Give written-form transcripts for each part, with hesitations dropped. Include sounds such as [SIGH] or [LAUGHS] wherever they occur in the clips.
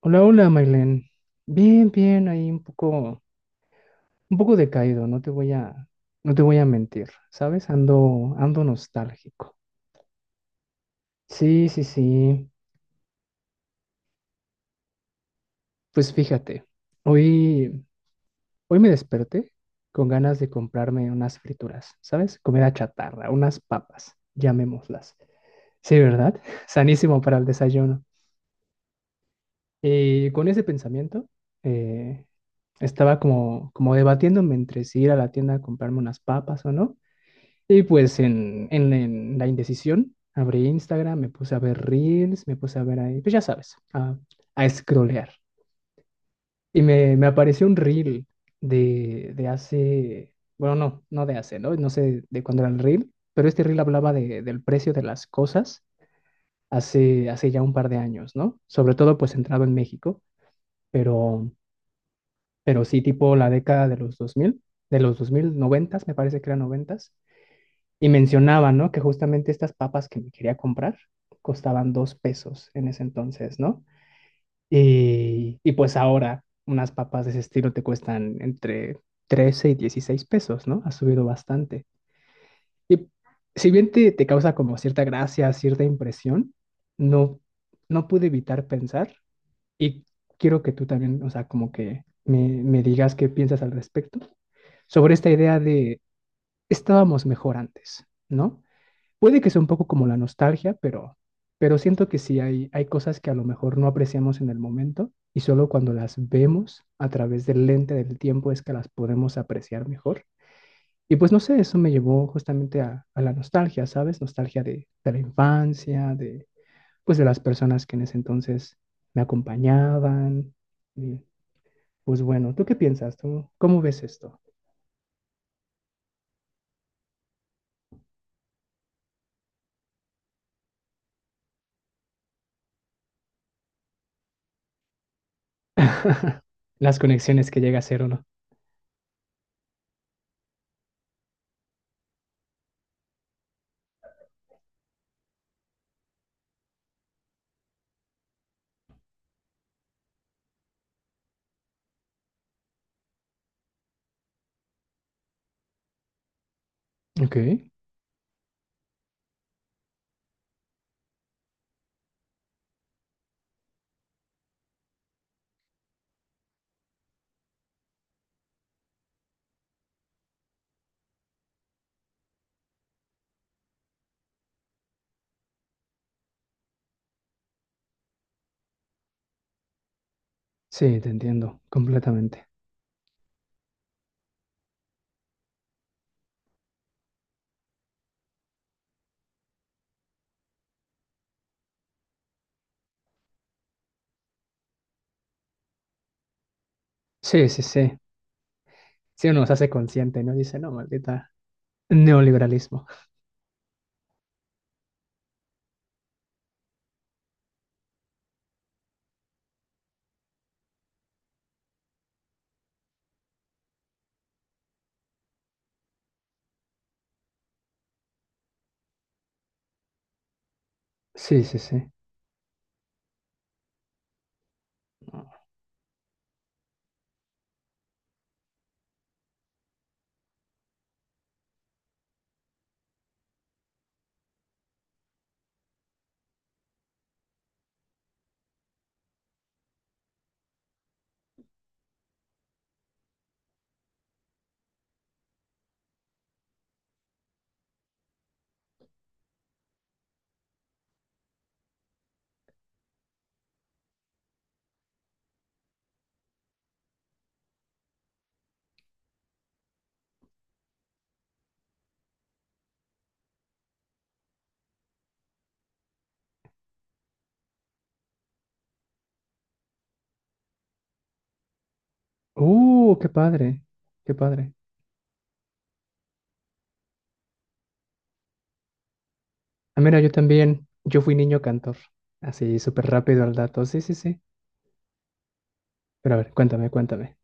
Hola, hola, Mailén. Bien, bien, ahí un poco decaído, no te voy a mentir, ¿sabes? Ando nostálgico. Sí, sí, sí. Pues fíjate, hoy, hoy me desperté con ganas de comprarme unas frituras, ¿sabes? Comida chatarra, unas papas, llamémoslas. Sí, ¿verdad? [LAUGHS] Sanísimo para el desayuno. Y con ese pensamiento, eh, estaba como debatiéndome entre si ir a la tienda a comprarme unas papas o no. Y pues en la indecisión, abrí Instagram, me puse a ver Reels, me puse a ver ahí, pues ya sabes, a scrollear. Y me apareció un Reel de hace, bueno, no, no de hace, ¿no? No sé de cuándo era el Reel, pero este Reel hablaba del precio de las cosas hace ya un par de años, ¿no? Sobre todo pues centrado en México, pero, pero sí tipo la década de los 2000, de los 2000, 90, me parece que eran 90. Y mencionaba, ¿no? Que justamente estas papas que me quería comprar costaban 2 pesos en ese entonces, ¿no? Y pues ahora unas papas de ese estilo te cuestan entre 13 y 16 pesos, ¿no? Ha subido bastante. Y si bien te causa como cierta gracia, cierta impresión, no, no pude evitar pensar y quiero que tú también, o sea, como que me digas qué piensas al respecto sobre esta idea de estábamos mejor antes, ¿no? Puede que sea un poco como la nostalgia, pero siento que sí hay cosas que a lo mejor no apreciamos en el momento y solo cuando las vemos a través del lente del tiempo es que las podemos apreciar mejor. Y pues no sé, eso me llevó justamente a la nostalgia, ¿sabes? Nostalgia de la infancia, pues de las personas que en ese entonces me acompañaban. Y, pues bueno, ¿tú qué piensas? ¿Tú cómo ves esto? [LAUGHS] Las conexiones que llega a ser uno. Ok, sí, te entiendo completamente. Sí, sí, sí. Si uno se hace consciente, ¿no? Dice, no, maldita. Neoliberalismo. Sí, sí, sí. Qué padre. Qué padre. Ah, mira, yo también. Yo fui niño cantor. Así, súper rápido al dato. Sí, sí, sí. Pero a ver, cuéntame, cuéntame.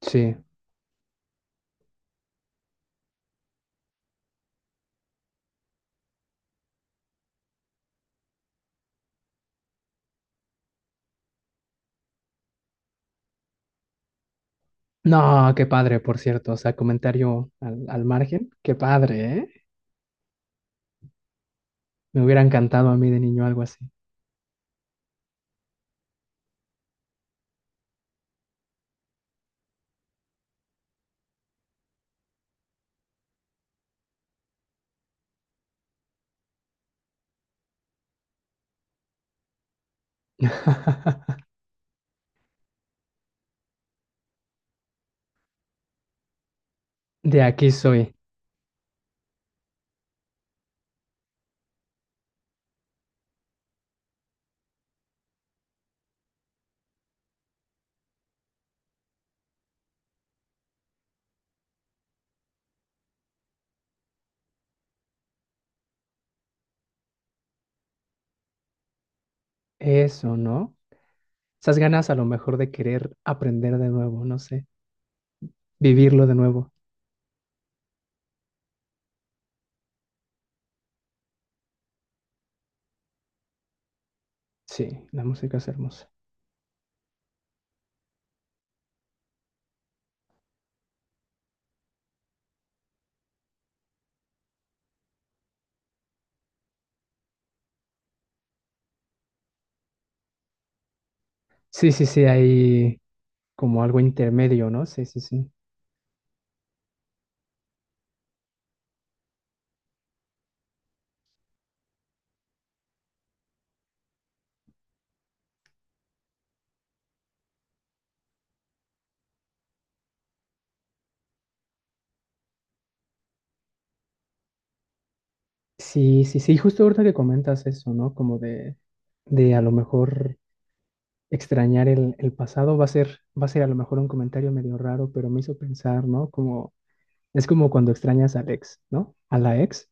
Sí. No, qué padre, por cierto. O sea, comentario al margen. Qué padre, ¿eh? Me hubiera encantado a mí de niño algo así. [LAUGHS] De aquí soy. Eso, ¿no? Esas ganas a lo mejor de querer aprender de nuevo, no sé. Vivirlo de nuevo. Sí, la música es hermosa. Sí, sí, sí, hay como algo intermedio, ¿no? Sí, sí, sí. Sí, sí, sí, justo ahorita que comentas eso, ¿no? Como de a lo mejor extrañar el pasado, va a ser a lo mejor un comentario medio raro, pero me hizo pensar, ¿no? Como, es como cuando extrañas al ex, ¿no? A la ex,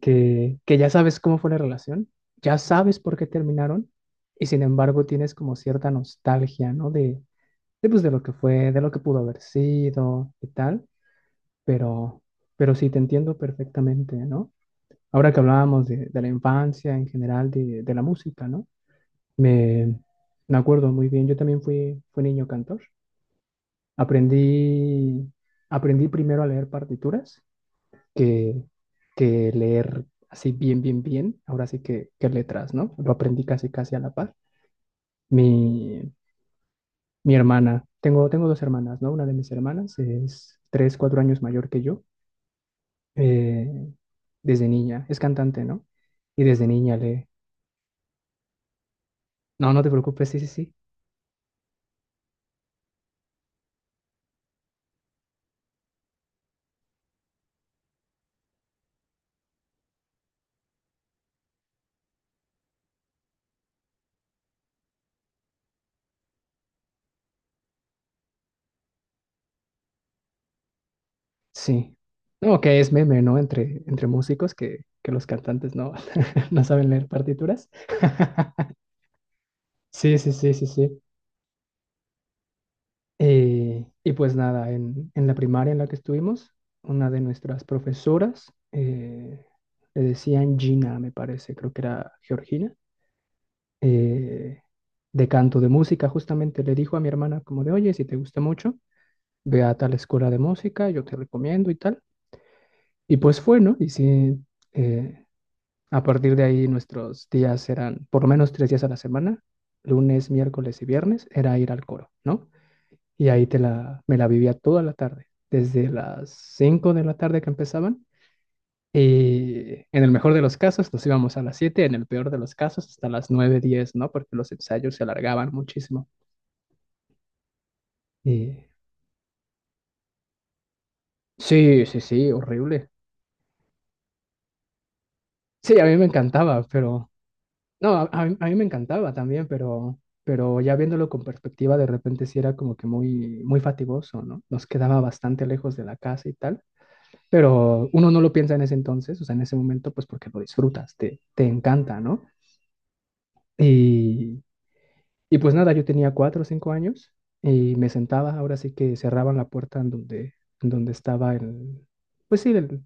que ya sabes cómo fue la relación, ya sabes por qué terminaron, y sin embargo tienes como cierta nostalgia, ¿no? Pues, de lo que fue, de lo que pudo haber sido y tal. Pero, pero sí, te entiendo perfectamente, ¿no? Ahora que hablábamos de la infancia en general, de la música, ¿no? Me, me acuerdo muy bien, yo también fui niño cantor. Aprendí, aprendí primero a leer partituras que, que leer así bien, bien, bien. Ahora sí que letras, ¿no? Lo aprendí casi, casi a la par. Mi, mi hermana, tengo dos hermanas, ¿no? Una de mis hermanas es 3, 4 años mayor que yo. Eh, Desde niña, es cantante, ¿no? Y desde niña no, no te preocupes, sí, sí, sí, sí. No, que es meme, ¿no? Entre músicos que los cantantes no, [LAUGHS] no saben leer partituras. [LAUGHS] Sí, sí, sí, sí, sí. Y pues nada, en la primaria en la que estuvimos, una de nuestras profesoras, le decían Gina, me parece, creo que era Georgina, eh, de canto, de música, justamente le dijo a mi hermana como de, oye, si te gusta mucho, ve a tal escuela de música, yo te recomiendo y tal. Y pues fue, ¿no? Y sí, eh, a partir de ahí nuestros días eran por lo menos 3 días a la semana, lunes, miércoles y viernes, era ir al coro, ¿no? Y ahí me la vivía toda la tarde, desde las 5 de la tarde que empezaban. Y en el mejor de los casos nos íbamos a las 7, en el peor de los casos hasta las 9:10, ¿no? Porque los ensayos se alargaban muchísimo. Y sí, sí, sí, horrible. Sí, a mí me encantaba, pero no, a mí me encantaba también, pero ya viéndolo con perspectiva, de repente sí era como que muy, muy fatigoso, ¿no? Nos quedaba bastante lejos de la casa y tal, pero uno no lo piensa en ese entonces, o sea, en ese momento, pues porque lo disfrutas, te encanta, ¿no? Y, y pues nada, yo tenía 4 o 5 años y me sentaba, ahora sí que cerraban la puerta en donde, estaba el, pues sí,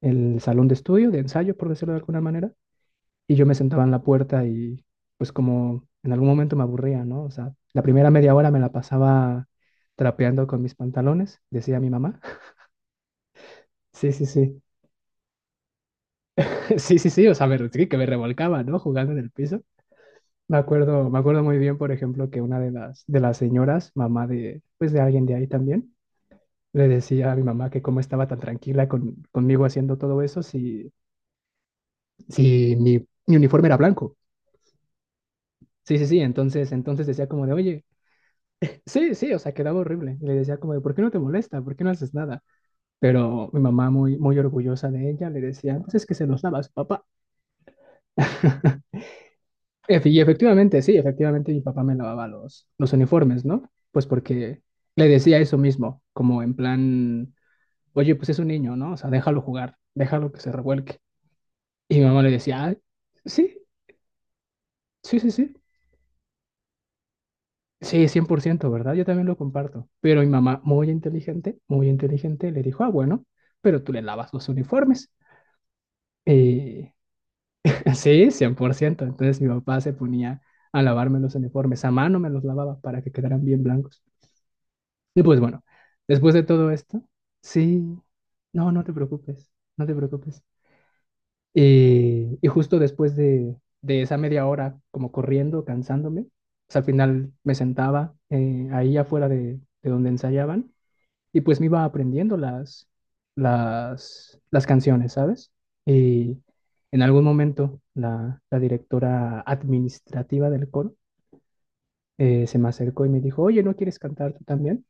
el salón de estudio, de ensayo, por decirlo de alguna manera, y yo me sentaba en la puerta y pues como en algún momento me aburría, ¿no? O sea, la primera media hora me la pasaba trapeando con mis pantalones, decía mi mamá. [LAUGHS] Sí, sí, sí. [LAUGHS] Sí, sí, sí, o sea, sí, que me revolcaba, ¿no? Jugando en el piso. Me acuerdo muy bien, por ejemplo, que una de las señoras, mamá pues de alguien de ahí también, le decía a mi mamá que cómo estaba tan tranquila conmigo haciendo todo eso si, mi uniforme era blanco. Sí, sí, sí, entonces decía como de, oye. Sí, sí, o sea, quedaba horrible. Le decía como de, ¿por qué no te molesta? ¿Por qué no haces nada? Pero mi mamá, muy, muy orgullosa de ella, le decía, pues es que se los lava a su papá. [LAUGHS] Y efectivamente, sí, efectivamente mi papá me lavaba los uniformes, ¿no? Pues porque le decía eso mismo, como en plan, oye, pues es un niño, ¿no? O sea, déjalo jugar, déjalo que se revuelque. Y mi mamá le decía, ah, sí, sí, sí, sí. Sí, 100%, ¿verdad? Yo también lo comparto. Pero mi mamá, muy inteligente, le dijo, ah, bueno, pero tú le lavas los uniformes. Eh, [LAUGHS] sí, 100%. Entonces mi papá se ponía a lavarme los uniformes, a mano me los lavaba para que quedaran bien blancos. Y pues bueno, después de todo esto, sí, no, no te preocupes, no te preocupes. Y justo después de esa media hora, como corriendo, cansándome, pues al final me sentaba, ahí afuera de donde ensayaban, y pues me iba aprendiendo las canciones, ¿sabes? Y en algún momento la directora administrativa del coro, se me acercó y me dijo, oye, ¿no quieres cantar tú también?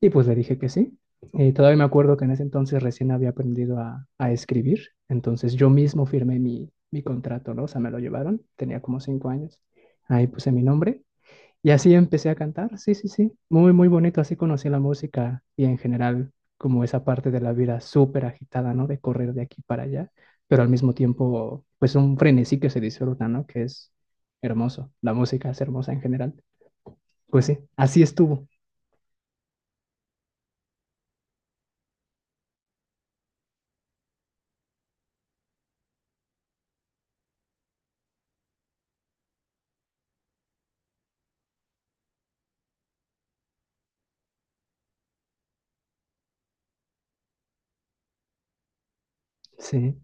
Y pues le dije que sí. Todavía me acuerdo que en ese entonces recién había aprendido a escribir, entonces yo mismo firmé mi contrato, ¿no? O sea, me lo llevaron, tenía como 5 años. Ahí puse mi nombre y así empecé a cantar, sí, sí, sí, muy, muy bonito, así conocí la música y en general como esa parte de la vida súper agitada, ¿no? De correr de aquí para allá, pero al mismo tiempo, pues un frenesí que se disfruta, ¿no? Que es hermoso, la música es hermosa en general. Pues sí, así estuvo, sí,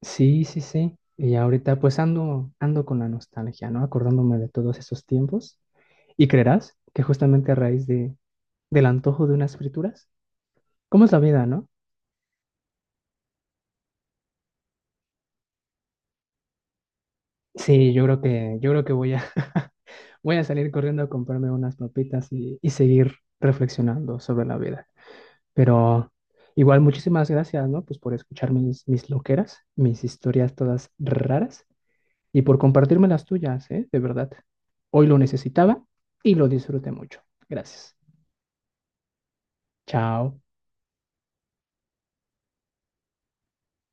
sí, sí, sí. Y ahorita pues ando con la nostalgia, ¿no? Acordándome de todos esos tiempos. Y creerás que justamente a raíz del antojo de unas frituras, ¿cómo es la vida, no? Sí, yo creo que voy a, [LAUGHS] voy a salir corriendo a comprarme unas papitas y seguir reflexionando sobre la vida. Pero igual, muchísimas gracias, ¿no? Pues por escuchar mis loqueras, mis historias todas raras y por compartirme las tuyas, ¿eh? De verdad. Hoy lo necesitaba y lo disfruté mucho. Gracias. Chao.